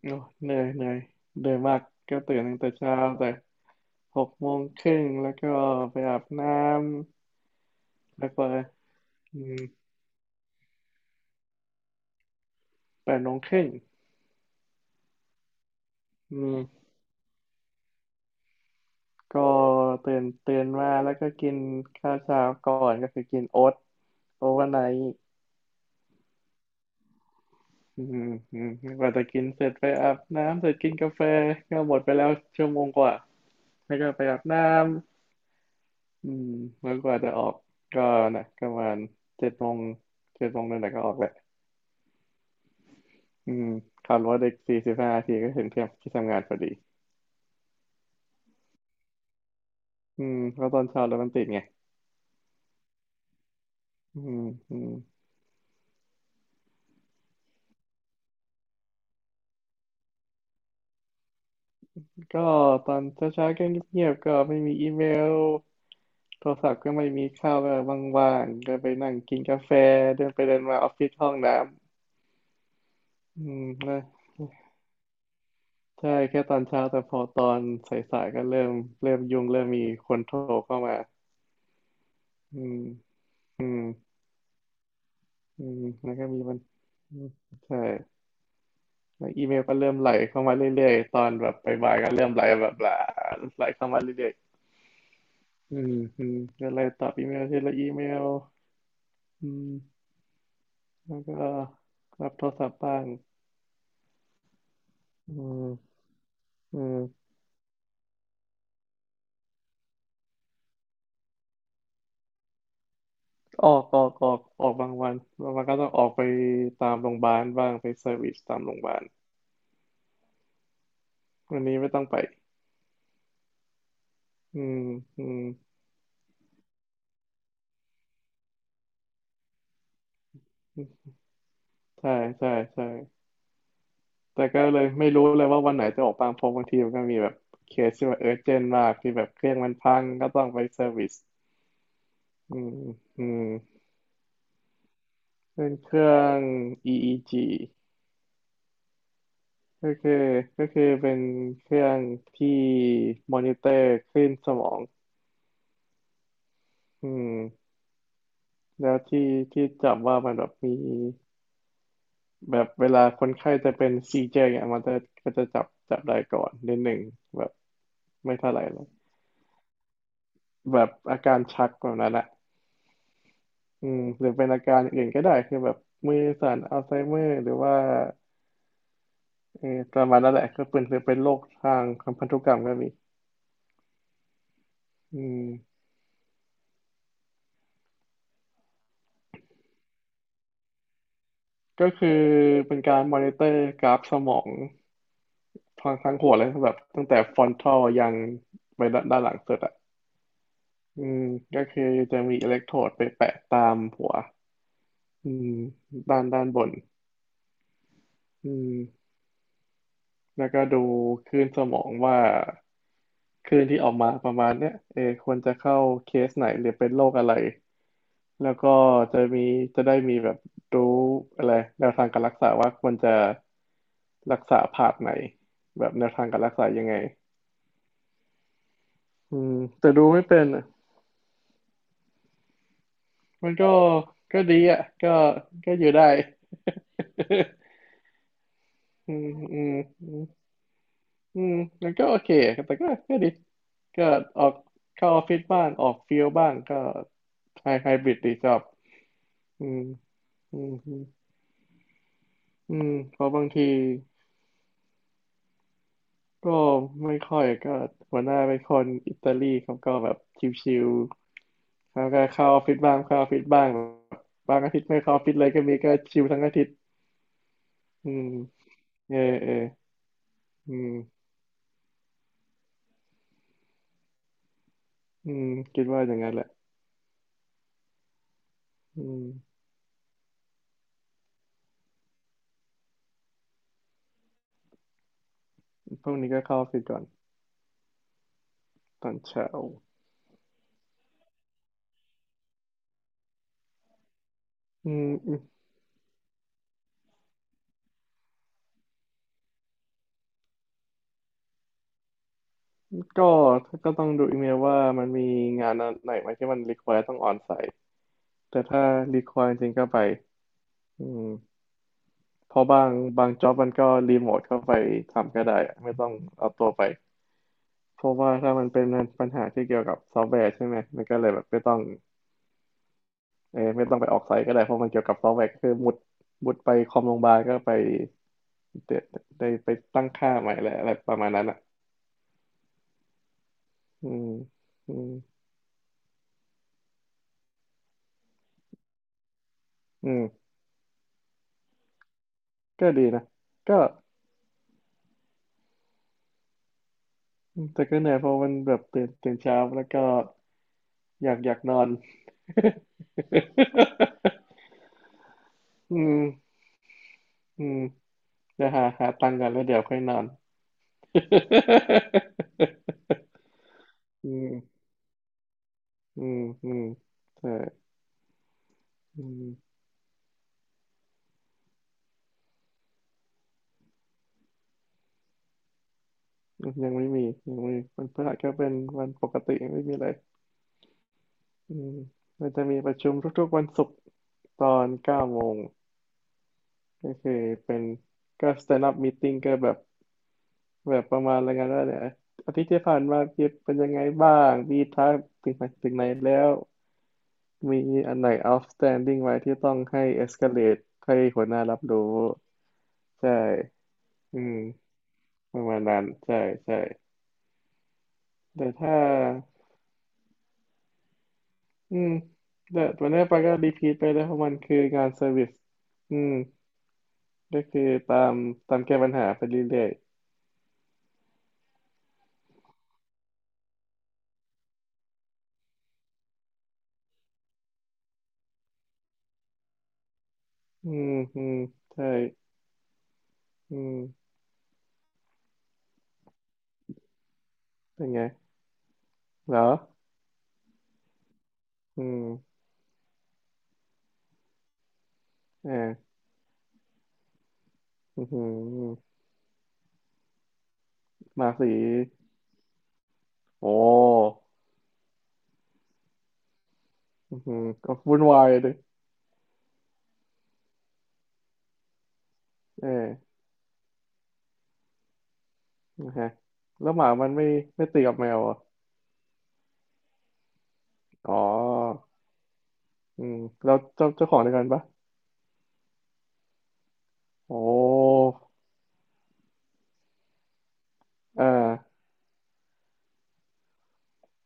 โอ้เหนื่อยเหนื่อยเหนื่อยมากก็ตื่นตั้งแต่เช้าแต่หกโมงครึ่งแล้วก็ไปอาบน้ำแล้วก็อืมแปดโมงครึ่งอืมก็ตื่นมาแล้วก็กินข้าวเช้าก่อนก็คือกินโอ๊ตโอเวอร์ไนท์อืมอืมกว่าจะกินเสร็จไปอาบน้ำเสร็จกินกาแฟก็หมดไปแล้วชั่วโมงกว่าแล้วก็ไปอาบน้ำแล้วกว่าจะออกก็นะประมาณเจ็ดโมงเจ็ดโมงนั่นแหละก็ออกแหละ อืมขับรถอีกสี่สิบห้านาทีก็ถึงที่ที่ทำงานพอดีอืมก็ตอนเช้ารถมันติดไงอืมอืมก็ตอนเช้าเช้าก็เงียบๆก็ไม่มีอีเมล โทรศัพท์ก็ไม่มีข้าวแบบว่างๆก็ไปนั่งกินกาแฟเดินไปเดินมาออฟฟิศห้องน้ำอืมนะใช่แค่ตอนเช้าแต่พอตอนสายๆก็เริ่มยุ่งเริ่มมีคนโทรเข้ามาอืมอืมอืมแล้วก็มีมันอืมใช่ แล้วอีเมลก็เริ่มไหลเข้ามาเรื่อยๆตอนแบบบ่ายๆก็เริ่มไหลแบบไหลาไหลเข้ามาเรื่อยๆอืมอืมก็เลยตอบอีเมลทีละอีเมลอืมแล้วก็รับโทรศัพท์บ้างอืมอืมออกบางวันบางวันก็ต้องออกไปตามโรงพยาบาลบ้างไปเซอร์วิสตามโรงพยาบาลวันนี้ไม่ต้องไปอืมอืมใช่ใช่ใช่แต่ก็เลยไม่รู้เลยว่าวันไหนจะออกบ้างเพราะบางทีมันก็มีแบบเคสที่ว่าเออเจนมากที่แบบเครื่องมันพังก็ต้องไปเซอร์วิส อืมอืมเป็นเครื่อง EEG ก็คือก็คือเป็นเครื่องที่มอนิเตอร์คลื่นสมองอืมแล้วที่ที่จับว่ามันแบบมีแบบเวลาคนไข้จะเป็นซีเจเนี่ยมันจะก็จะจับได้ก่อนนิดหนึ่งแบบไม่เท่าไหร่หรอกแบบอาการชักแบบนั้นอะอืมหรือเป็นอาการอื่นก็ได้คือแบบมือสั่นอัลไซเมอร์หรือว่าเออประมาณนั้นแหละก็เป็นคือเป็นโรคทางพันธุกรรมก็มีอืม ก็คือเป็นการมอนิเตอร์กราฟสมองทั้งหัวเลยแบบตั้งแต่ฟรอนทัลยังไปด้านหลังสุดอ่ะอืมก็คือจะมีอิเล็กโทรดไปแปะตามหัวอืมด้านบนอืมแล้วก็ดูคลื่นสมองว่าคลื่นที่ออกมาประมาณเนี้ยเออควรจะเข้าเคสไหนหรือเป็นโรคอะไร แล้วก็จะมีจะได้มีแบบรู้อะไรแนวทางการรักษาว่าควรจะรักษาผ่าไหนแบบแนวทางการรักษายังไง อืมแต่ดูไม่เป็นอ่ะมันก็ก็ดีอ่ะก็ก็อยู่ได้ อืมอืมอืมอืมมันก็โอเคแต่ก็ก็ดีก็ออกเข้าออฟฟิศบ้างออกฟิลบ้างก็ไฮไฮบริดดีชอบอืมอืมอืมอืมเพราะบางทีก็ไม่ค่อยก็หัวหน้าเป็นคนอิตาลีเขาก็แบบชิวๆเขาก็เข้าออฟฟิศบ้างเข้าออฟฟิศบ้างบางอาทิตย์ไม่เข้าออฟฟิศเลยก็มีก็ชิวทั้งอาทิตย์อืมเออเออ อืมอืมคิดว่าอย่างนั้นแหละอืมพรุ่งนี้ก็เข้าออฟฟิศก่อนตอนเช้าอืมอืมก็ก็ต้องดูอีเมลว่ามันมีงานไหนไหมที่มันรีคว i r e ต้องออนไซต์แต่ถ้ารีคว i r e จริงๆก็ไปอืมเพราะบางบางจ็อบมันก็รีโมทเข้าไปทำก็ได้อะไม่ต้องเอาตัวไปเพราะว่าถ้ามันเป็นปัญหาที่เกี่ยวกับซอฟต์แวร์ใช่ไหมมันก็เลยแบบไม่ต้องเออไม่ต้องไปออกไซต์ก็ได้เพราะมันเกี่ยวกับซอฟต์แวร์ก็คือมุดไปคอมโรงพยาบาลก็ไป เดี๋ยวได้ไปตั้งค่าใหม่แหละอะไรประมาณนั้นอ่ะอืมอืมอืมก็ดีนะ ก็แต่ก็เหนื่อยเพราะมันแบบตื่นเช้าแล้วก็อยากนอน อืมอืมเะหาตังค์กันแล้วเดี๋ยวค่อยนอน อืมอืมอืมแต่อืมยังไม่มียังไม่มีวันพฤหัสก็เป็นวันปกติไม่มีอะไรอืมมันจะมีประชุมทุกๆวันศุกร์ตอนเก้าโมง ก็คือเป็นก็ stand up meeting ก็แบบแบบประมาณอะไรายกันว่าเนี่ยอาทิตย์ที่ผ่านมาพี่เป็นยังไงบ้างมีทักถึงไหนถึงไหนแล้วมีอันไหน outstanding ไว้ที่ต้องให้ escalate ให้หัวหน้ารับรู้ใช่อืมประมาณนั้นใช่ใช่แต่ถ้า อืมแต่วันนี้ไปก็รีพีทไปเลยเพราะมันคืองานเซอร์วิสอืมก็คือตามตามแก้ปัญหาไปเรื่อยๆอืมอืมใช่ อืมเป็นไงเหรอ อืมเอออือหือมาสีโอ้อือหือก็วุ่นวายเลยเออนะฮะแล้วหมามันไม่ตีกับแมวอ่ะอ๋ออืมแล้วเจ้าเจ้าของเดียวกันปะโอ้อ่า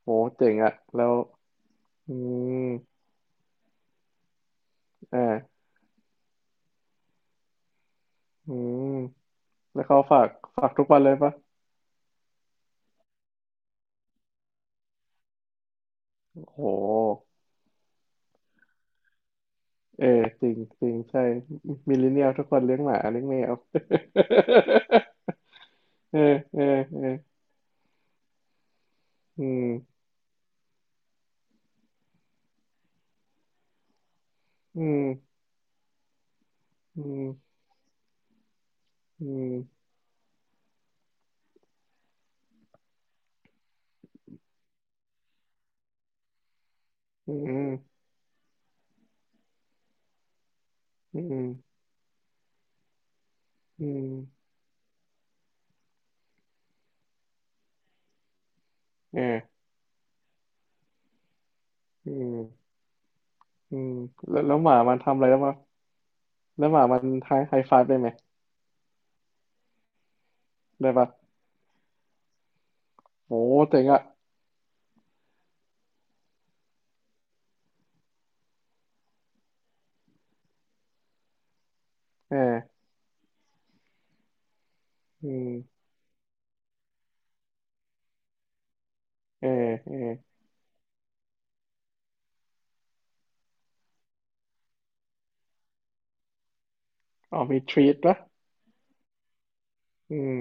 โหเจ๋งอ่ะแล้วอืมอ่าอืมแล้วเขาฝากฝากทุกวันเลยปะโหเออจริงจริงใช่มิลเลนเนียลทุกคนเลี้ยงหมาเลี้ยงแมว เออเออเอออืมอืม อืมอืมอืมอืมอืมเอออืมอืมแล้วแล้วหมามันทำอะไรแล้วมาแล้วหมามันไฮไฮไฟว์ได้ไหมได้ปะโอ้เจ๋งอ่ะเอออืมเออเอออ๋อมีทรีตปะอืม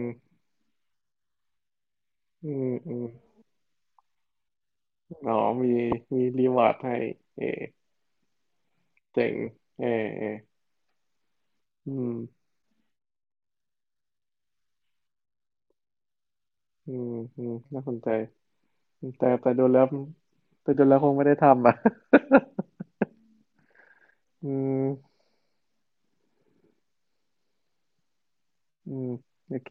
อืมอืมอ๋อมีรีวอร์ดให้เออเจ๋งเออเอออืมอืมอืมน่าสนใจแต่ดูแล้วแต่ดูแล้วคงไม่ได้ทำอ่ะ อืมอืมโอเค